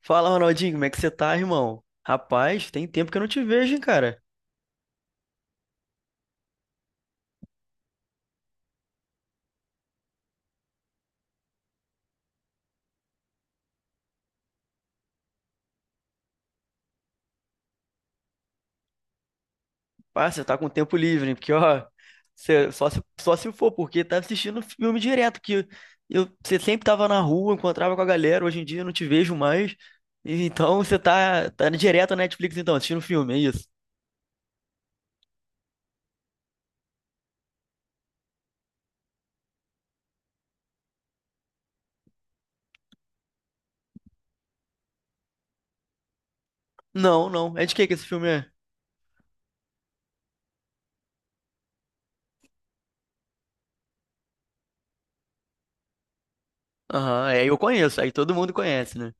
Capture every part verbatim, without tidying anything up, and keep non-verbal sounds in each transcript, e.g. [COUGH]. Fala, Ronaldinho, como é que você tá, irmão? Rapaz, tem tempo que eu não te vejo, hein, cara. Pá, você tá com tempo livre, hein? Porque, ó, você- só se, só se for, porque tá assistindo filme direto, que eu, você sempre tava na rua, encontrava com a galera, hoje em dia eu não te vejo mais. E Então você tá, tá direto na Netflix, então, assistindo filme, é isso? Não, não. É de que que esse filme é? Aham, é, eu conheço, aí todo mundo conhece, né?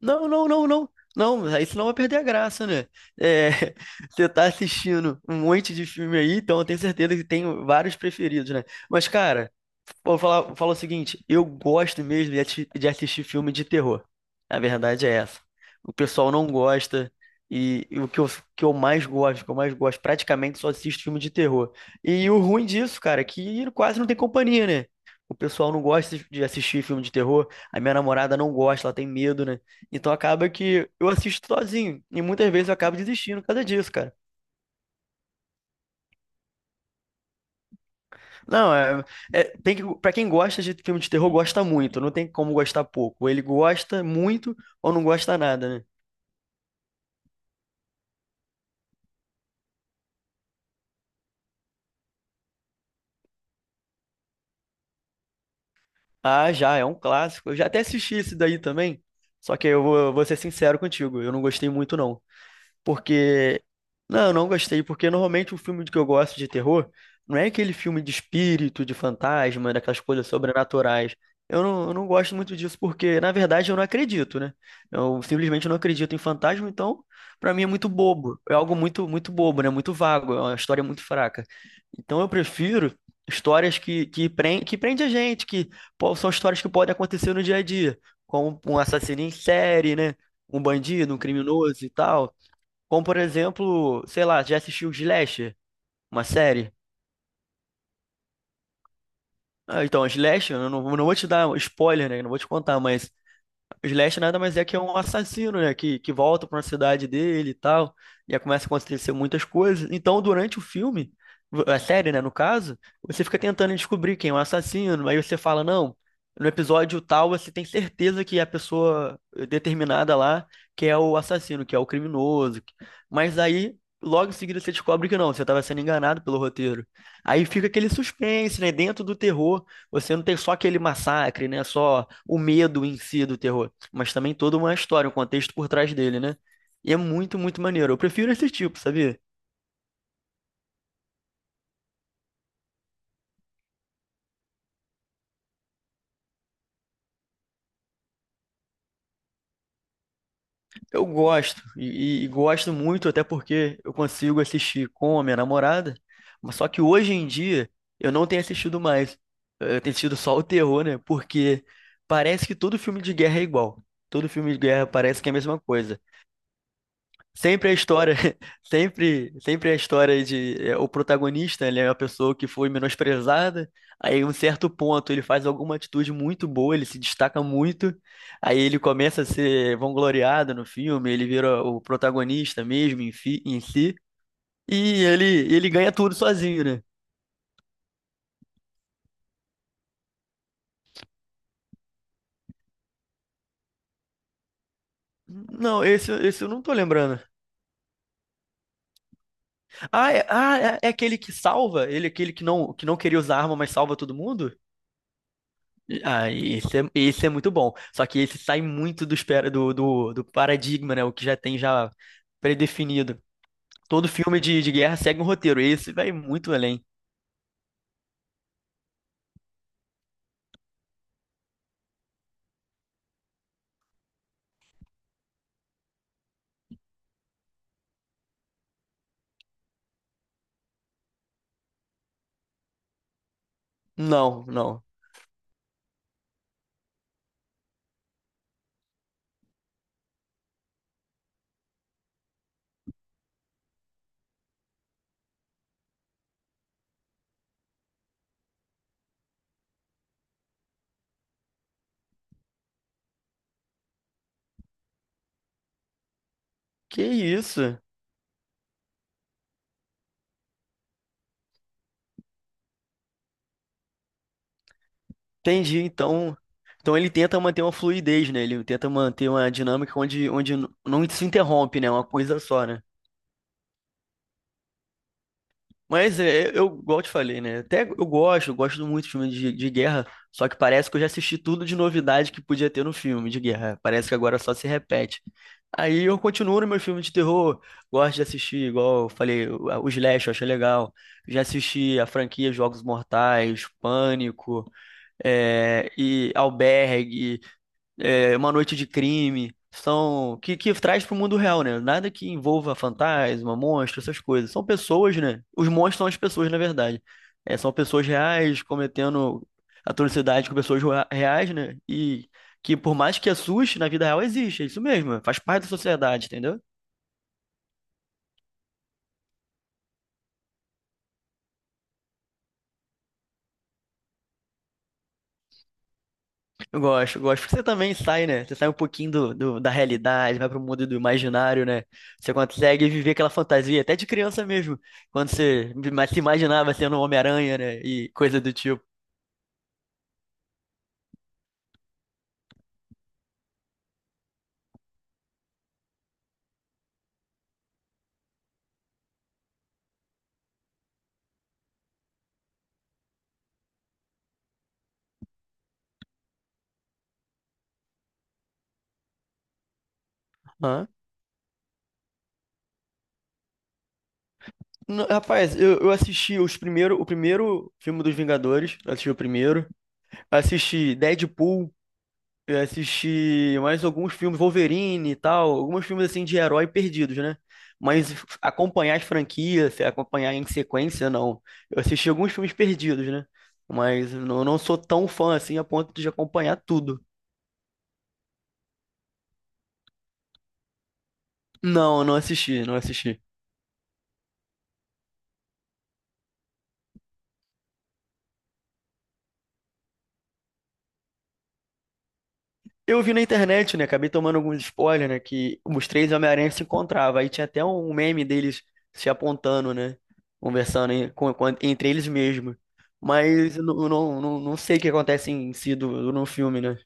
Não, não, não, não. Não, aí senão vai perder a graça, né? É, [LAUGHS] você tá assistindo um monte de filme aí, então eu tenho certeza que tem vários preferidos, né? Mas, cara, Vou falar, vou falar o seguinte, eu gosto mesmo de, ati- de assistir filme de terror. A verdade é essa. O pessoal não gosta e, e o que eu, que eu mais gosto, que eu mais gosto, praticamente só assisto filme de terror. E o ruim disso, cara, é que quase não tem companhia, né? O pessoal não gosta de assistir filme de terror, a minha namorada não gosta, ela tem medo, né? Então acaba que eu assisto sozinho e muitas vezes eu acabo desistindo por causa disso, cara. Não, é, é- tem que, para quem gosta de filme de terror, gosta muito, não tem como gostar pouco. Ele gosta muito ou não gosta nada, né? Ah, já, é um clássico. Eu já até assisti esse daí também, só que eu vou, eu vou ser sincero contigo, eu não gostei muito não. Porque. Não, eu não gostei, porque normalmente o filme que eu gosto de terror não é aquele filme de espírito, de fantasma, daquelas coisas sobrenaturais. Eu não, eu não gosto muito disso, porque, na verdade, eu não acredito, né? Eu simplesmente não acredito em fantasma, então, pra mim é muito bobo. É algo muito, muito bobo, né? Muito vago, é uma história muito fraca. Então eu prefiro histórias que, que, prende, que prende a gente, que pô, são histórias que podem acontecer no dia a dia, como um assassino em série, né? Um bandido, um criminoso e tal. Como, por exemplo, sei lá, já assistiu Slasher, uma série? Ah, então, Slasher, eu não, não vou te dar spoiler, né? Não vou te contar, mas o Slash nada mais é que é um assassino, né? Que, que volta pra uma cidade dele e tal. E aí começa a acontecer muitas coisas. Então, durante o filme, a série, né, no caso, você fica tentando descobrir quem é o assassino. Aí você fala, não, no episódio tal você tem certeza que é a pessoa determinada lá que é o assassino, que é o criminoso. Mas aí, logo em seguida, você descobre que não, você estava sendo enganado pelo roteiro. Aí fica aquele suspense, né? Dentro do terror. Você não tem só aquele massacre, né? Só o medo em si do terror, mas também toda uma história, um contexto por trás dele, né? E é muito, muito maneiro. Eu prefiro esse tipo, sabia? Eu gosto, e, e gosto muito, até porque eu consigo assistir com a minha namorada, mas só que hoje em dia eu não tenho assistido mais. Eu tenho assistido só o terror, né? Porque parece que todo filme de guerra é igual. Todo filme de guerra parece que é a mesma coisa. Sempre a história, [LAUGHS] sempre, sempre a história de é, o protagonista, ele é uma pessoa que foi menosprezada, aí em um certo ponto ele faz alguma atitude muito boa, ele se destaca muito, aí ele começa a ser vangloriado no filme, ele vira o protagonista mesmo em, fi- em si, e ele, ele ganha tudo sozinho, né? Não, esse, esse eu não tô lembrando. Ah, é, ah, é é aquele que salva? Ele é aquele que não, que não queria usar arma, mas salva todo mundo? Ah, isso é, isso é muito bom. Só que esse sai muito do, espera, do, do, do paradigma, né? O que já tem já predefinido. Todo filme de, de guerra segue um roteiro. Esse vai muito além. Não, não. Que isso? Entendi. Então, então ele tenta manter uma fluidez, né? Ele tenta manter uma dinâmica onde, onde n- não se interrompe, né? Uma coisa só, né? Mas é, eu, igual eu te falei, né? Até eu gosto, eu gosto muito de filme de, de guerra, só que parece que eu já assisti tudo de novidade que podia ter no filme de guerra. Parece que agora só se repete. Aí eu continuo no meu filme de terror, gosto de assistir, igual eu falei, o o Slash, eu achei legal. Já assisti a franquia Jogos Mortais, Pânico, é, e Albergue é, Uma Noite de Crime, são que, que traz para o mundo real, né? Nada que envolva fantasma, monstro, essas coisas. São pessoas, né? Os monstros são as pessoas, na verdade. É, são pessoas reais cometendo atrocidade com pessoas rea- reais, né? E que por mais que assuste, na vida real existe, é isso mesmo, faz parte da sociedade, entendeu? Eu gosto, eu gosto. Porque você também sai, né? Você sai um pouquinho do, do- da realidade, vai pro mundo do imaginário, né? Você consegue viver aquela fantasia, até de criança mesmo. Quando você ima- se imaginava sendo um Homem-Aranha, né? E coisa do tipo. Hã? N- Rapaz, eu, eu assisti os primeiro, o primeiro filme dos Vingadores. Eu Assisti o primeiro. Assisti Deadpool. Eu assisti mais alguns filmes, Wolverine e tal, alguns filmes assim de herói perdidos, né? Mas acompanhar as franquias, se acompanhar em sequência, não. Eu assisti alguns filmes perdidos, né? Mas eu não não sou tão fã assim a ponto de acompanhar tudo. Não, não assisti, não assisti. Eu vi na internet, né? Acabei tomando alguns spoilers, né? Que os três Homem-Aranha se encontravam. Aí tinha até um meme deles se apontando, né? Conversando em- com- com- entre eles mesmos. Mas eu não, eu não, não, não sei o que acontece em si do, no filme, né?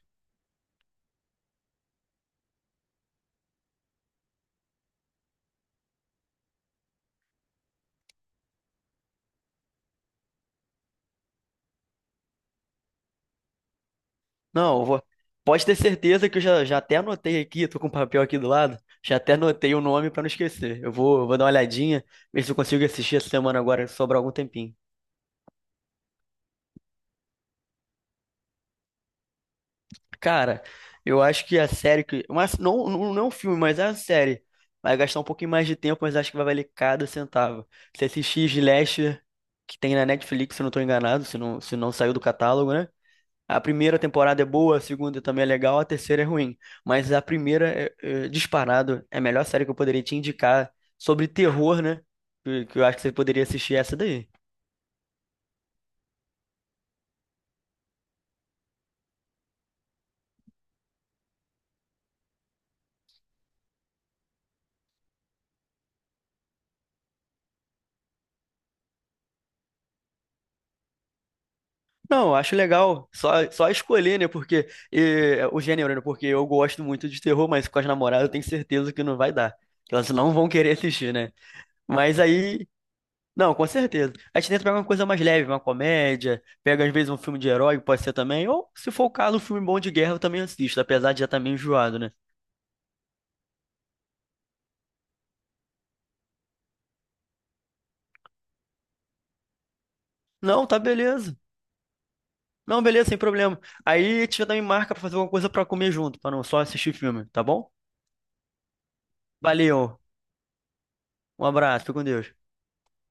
Não, eu vou... pode ter certeza que eu já, já até anotei aqui, tô com o papel aqui do lado, já até anotei o nome pra não esquecer. Eu vou, eu vou dar uma olhadinha, ver se eu consigo assistir essa semana agora, se sobrar algum tempinho. Cara, eu acho que a série que. Mas não, não, não é um filme, mas é a série. Vai gastar um pouquinho mais de tempo, mas acho que vai valer cada centavo. Se assistir Slasher, que tem na Netflix, se eu não tô enganado, se não, se não saiu do catálogo, né? A primeira temporada é boa, a segunda também é legal, a terceira é ruim. Mas a primeira, é, é, disparado, é a melhor série que eu poderia te indicar sobre terror, né? Que, que eu acho que você poderia assistir essa daí. Não, eu acho legal. Só, só escolher, né? Porque eh, o gênero, né? Porque eu gosto muito de terror, mas com as namoradas eu tenho certeza que não vai dar. Que elas não vão querer assistir, né? Mas aí. Não, com certeza. A gente tenta pegar uma coisa mais leve, uma comédia, pega às vezes um filme de herói, pode ser também. Ou, se for o caso, um filme bom de guerra eu também assisto, apesar de já estar meio enjoado, né? Não, tá beleza. Não, beleza, sem problema. Aí a gente já também marca pra fazer alguma coisa pra comer junto, pra não só assistir filme, tá bom? Valeu, um abraço, fica com Deus.